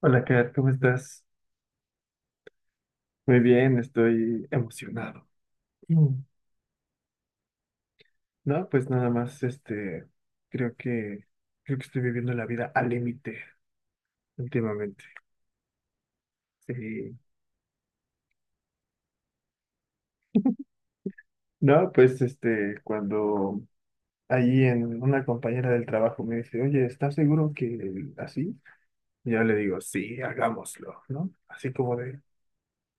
Hola, Kat, ¿cómo estás? Muy bien, estoy emocionado. Mm. No, pues nada más, creo que, creo que estoy viviendo la vida al límite últimamente. Sí. No, pues cuando allí en una compañera del trabajo me dice, oye, ¿estás seguro que así? Y yo le digo, sí, hagámoslo, ¿no? Así como de,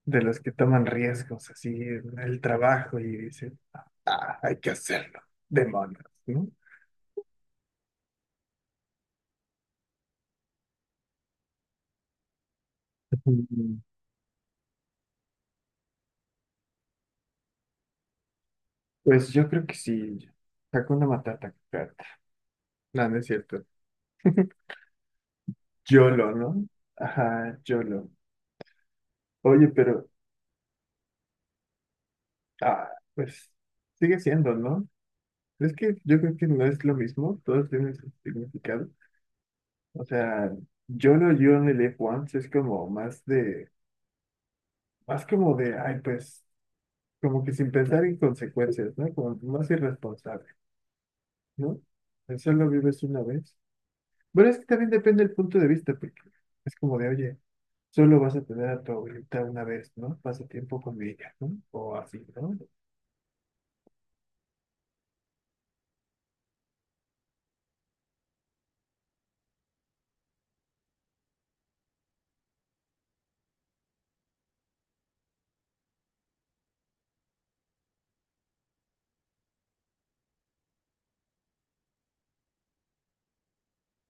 de los que toman riesgos, así en el trabajo y dicen, ah, hay que hacerlo, demonios, ¿no? Pues yo creo que sí. Hakuna Matata, cat. No, no es cierto. YOLO, ¿no? Ajá, YOLO. Oye, pero, ah, pues sigue siendo, ¿no? Es que yo creo que no es lo mismo, todos tienen su significado. O sea, YOLO, You Only Live Once es como más de, más como de, ay, pues, como que sin pensar en consecuencias, ¿no? Como más irresponsable, ¿no? El solo vives una vez. Bueno, es que también depende del punto de vista, porque es como de, oye, solo vas a tener a tu abuelita una vez, ¿no? Pasa tiempo con ella, ¿no? O así, ¿no?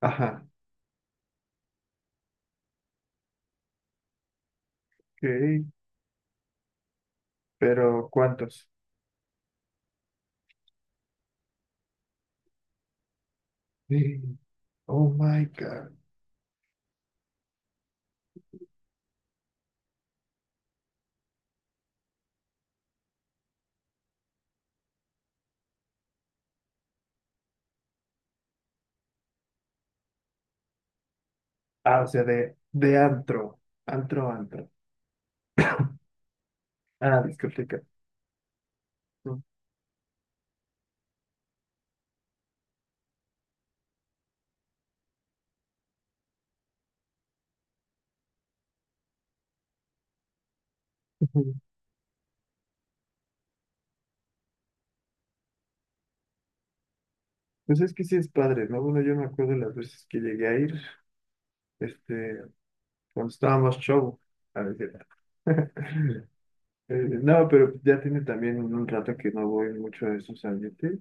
Ajá, ok. Pero ¿cuántos? Sí. Oh my God. Ah, o sea, de antro. Antro, antro. Ah, discoteca. Ujú. Pues es que sí es padre, ¿no? Bueno, yo me acuerdo las veces que llegué a ir, este, cuando estábamos show, a veces. Eh, no, pero ya tiene también un rato que no voy mucho a esos ambientes.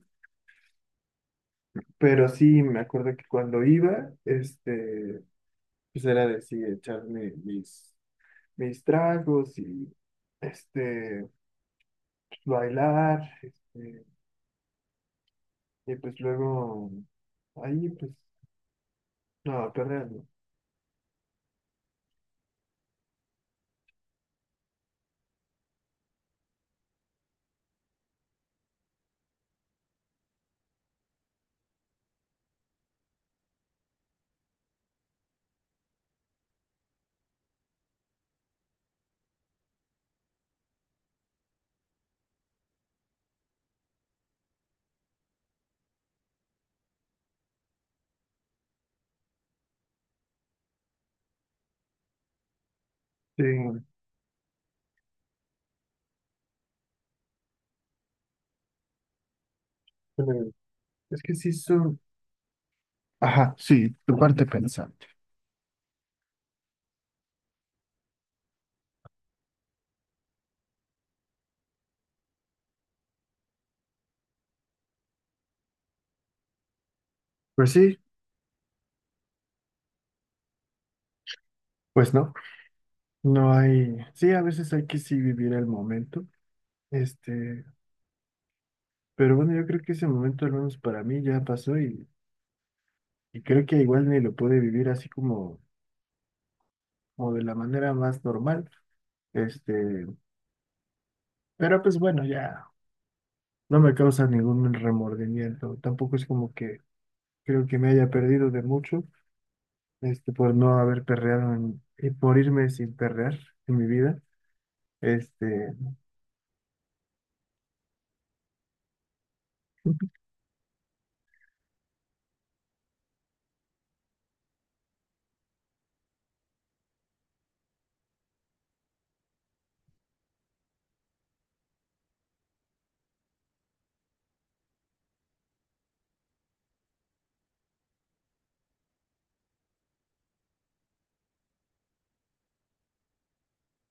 Pero sí, me acuerdo que cuando iba, pues era de sí, echar mis, mis tragos y, este, bailar, y pues luego ahí, pues, no, perder, no. Sí, pero es que sí son. Ajá, sí, tu parte pensante. Pues sí, pues no, no hay, sí, a veces hay que sí vivir el momento, este, pero bueno, yo creo que ese momento, al menos para mí, ya pasó y creo que igual ni lo pude vivir así como o de la manera más normal. Este, pero pues bueno, ya no me causa ningún remordimiento. Tampoco es como que creo que me haya perdido de mucho, por no haber perreado y por irme sin perrear en mi vida. Este,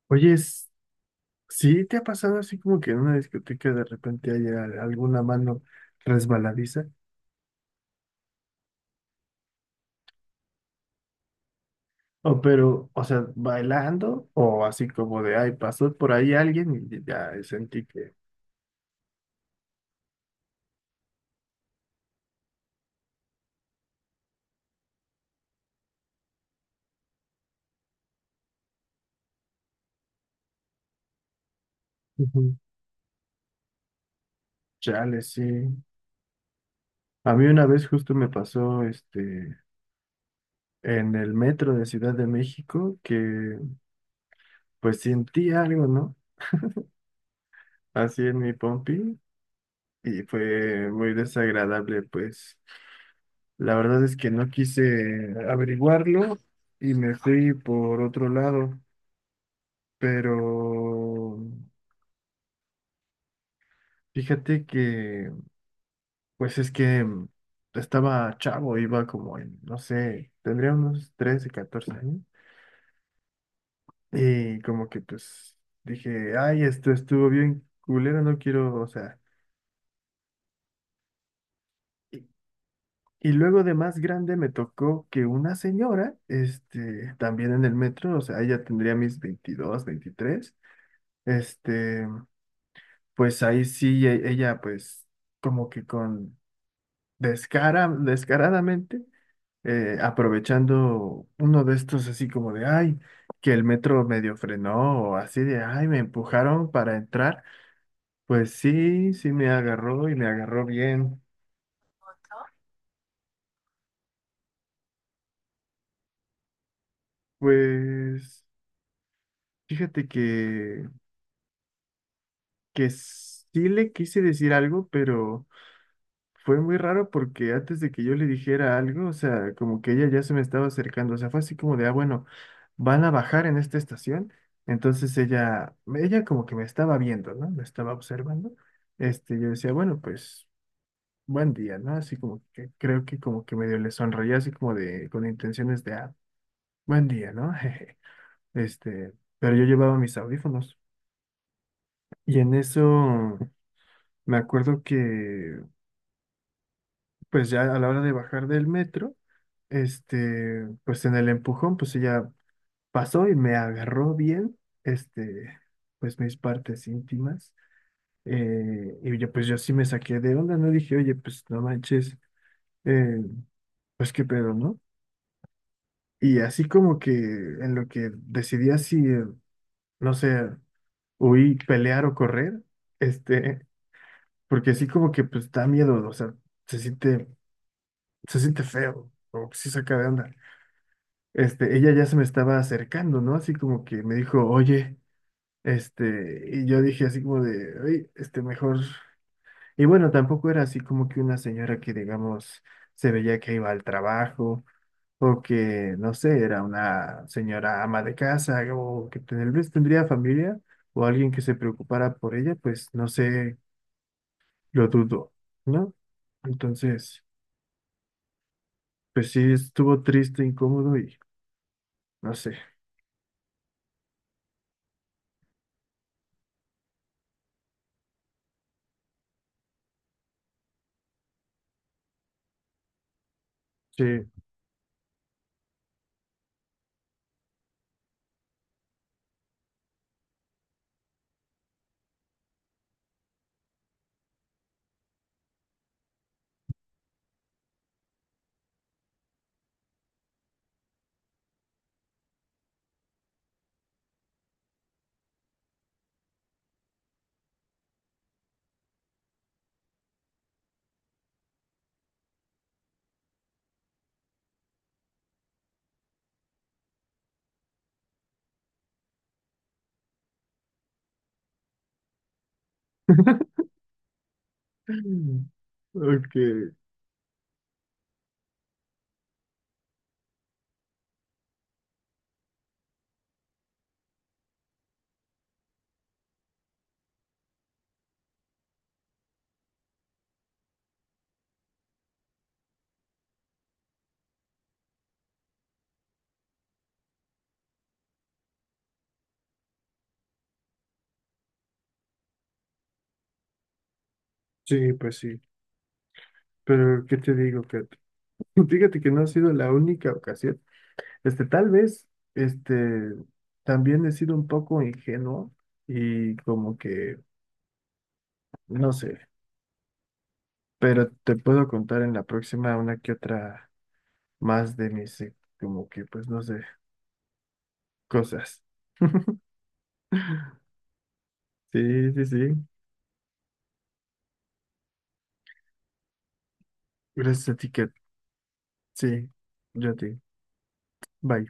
oye, es, ¿sí te ha pasado así como que en una discoteca de repente haya alguna mano resbaladiza? O pero, o sea, bailando o así como de, ay, pasó por ahí alguien y ya sentí que... Ujú. Chale, sí. A mí una vez justo me pasó en el metro de Ciudad de México que pues sentí algo, ¿no? Así en mi pompi y fue muy desagradable, pues la verdad es que no quise averiguarlo y me fui por otro lado, pero fíjate que pues es que mm, estaba chavo, iba como en, no sé, tendría unos 13, 14 años. Y como que pues dije, ay, esto estuvo bien culero, no quiero, o sea. Y, y luego de más grande me tocó que una señora, también en el metro, o sea, ella tendría mis veintidós, veintitrés. este, pues ahí sí, ella pues como que con descaradamente, aprovechando uno de estos así como de, ay, que el metro medio frenó o así de, ay, me empujaron para entrar. Pues sí, sí me agarró y me agarró bien. Pues fíjate que sí le quise decir algo, pero fue muy raro porque antes de que yo le dijera algo, o sea, como que ella ya se me estaba acercando, o sea, fue así como de, ah, bueno, van a bajar en esta estación. Entonces ella como que me estaba viendo, ¿no? Me estaba observando. Yo decía, bueno, pues buen día, ¿no? Así como que creo que como que medio le sonreía así como de, con intenciones de, ah, buen día, ¿no? Este, pero yo llevaba mis audífonos. Y en eso me acuerdo que, pues ya a la hora de bajar del metro, pues en el empujón, pues ella pasó y me agarró bien, este, pues mis partes íntimas. Y yo, pues yo sí me saqué de onda, ¿no? Dije, oye, pues no manches, eh, pues qué pedo, ¿no? Y así como que en lo que decidía si, no sé, huir, pelear o correr, este, porque así como que pues da miedo, o sea, se siente, se siente feo, o sí saca de onda. Ella ya se me estaba acercando, ¿no? Así como que me dijo, oye, y yo dije así como de, oye, mejor. Y bueno, tampoco era así como que una señora que, digamos, se veía que iba al trabajo, o que, no sé, era una señora ama de casa, o que tal vez tendría familia, o alguien que se preocupara por ella, pues no sé, lo dudo, ¿no? Entonces. Pues sí, estuvo triste, incómodo y no sé. Sí. Ok, sí, pues sí. Pero, ¿qué te digo, Kat? Fíjate que no ha sido la única ocasión. Tal vez, este, también he sido un poco ingenuo y como que, no sé, pero te puedo contar en la próxima una que otra más de mis, como que, pues no sé, cosas. Sí, sí, sí. Gracias a ti, Kat. Sí, yo a ti. Bye.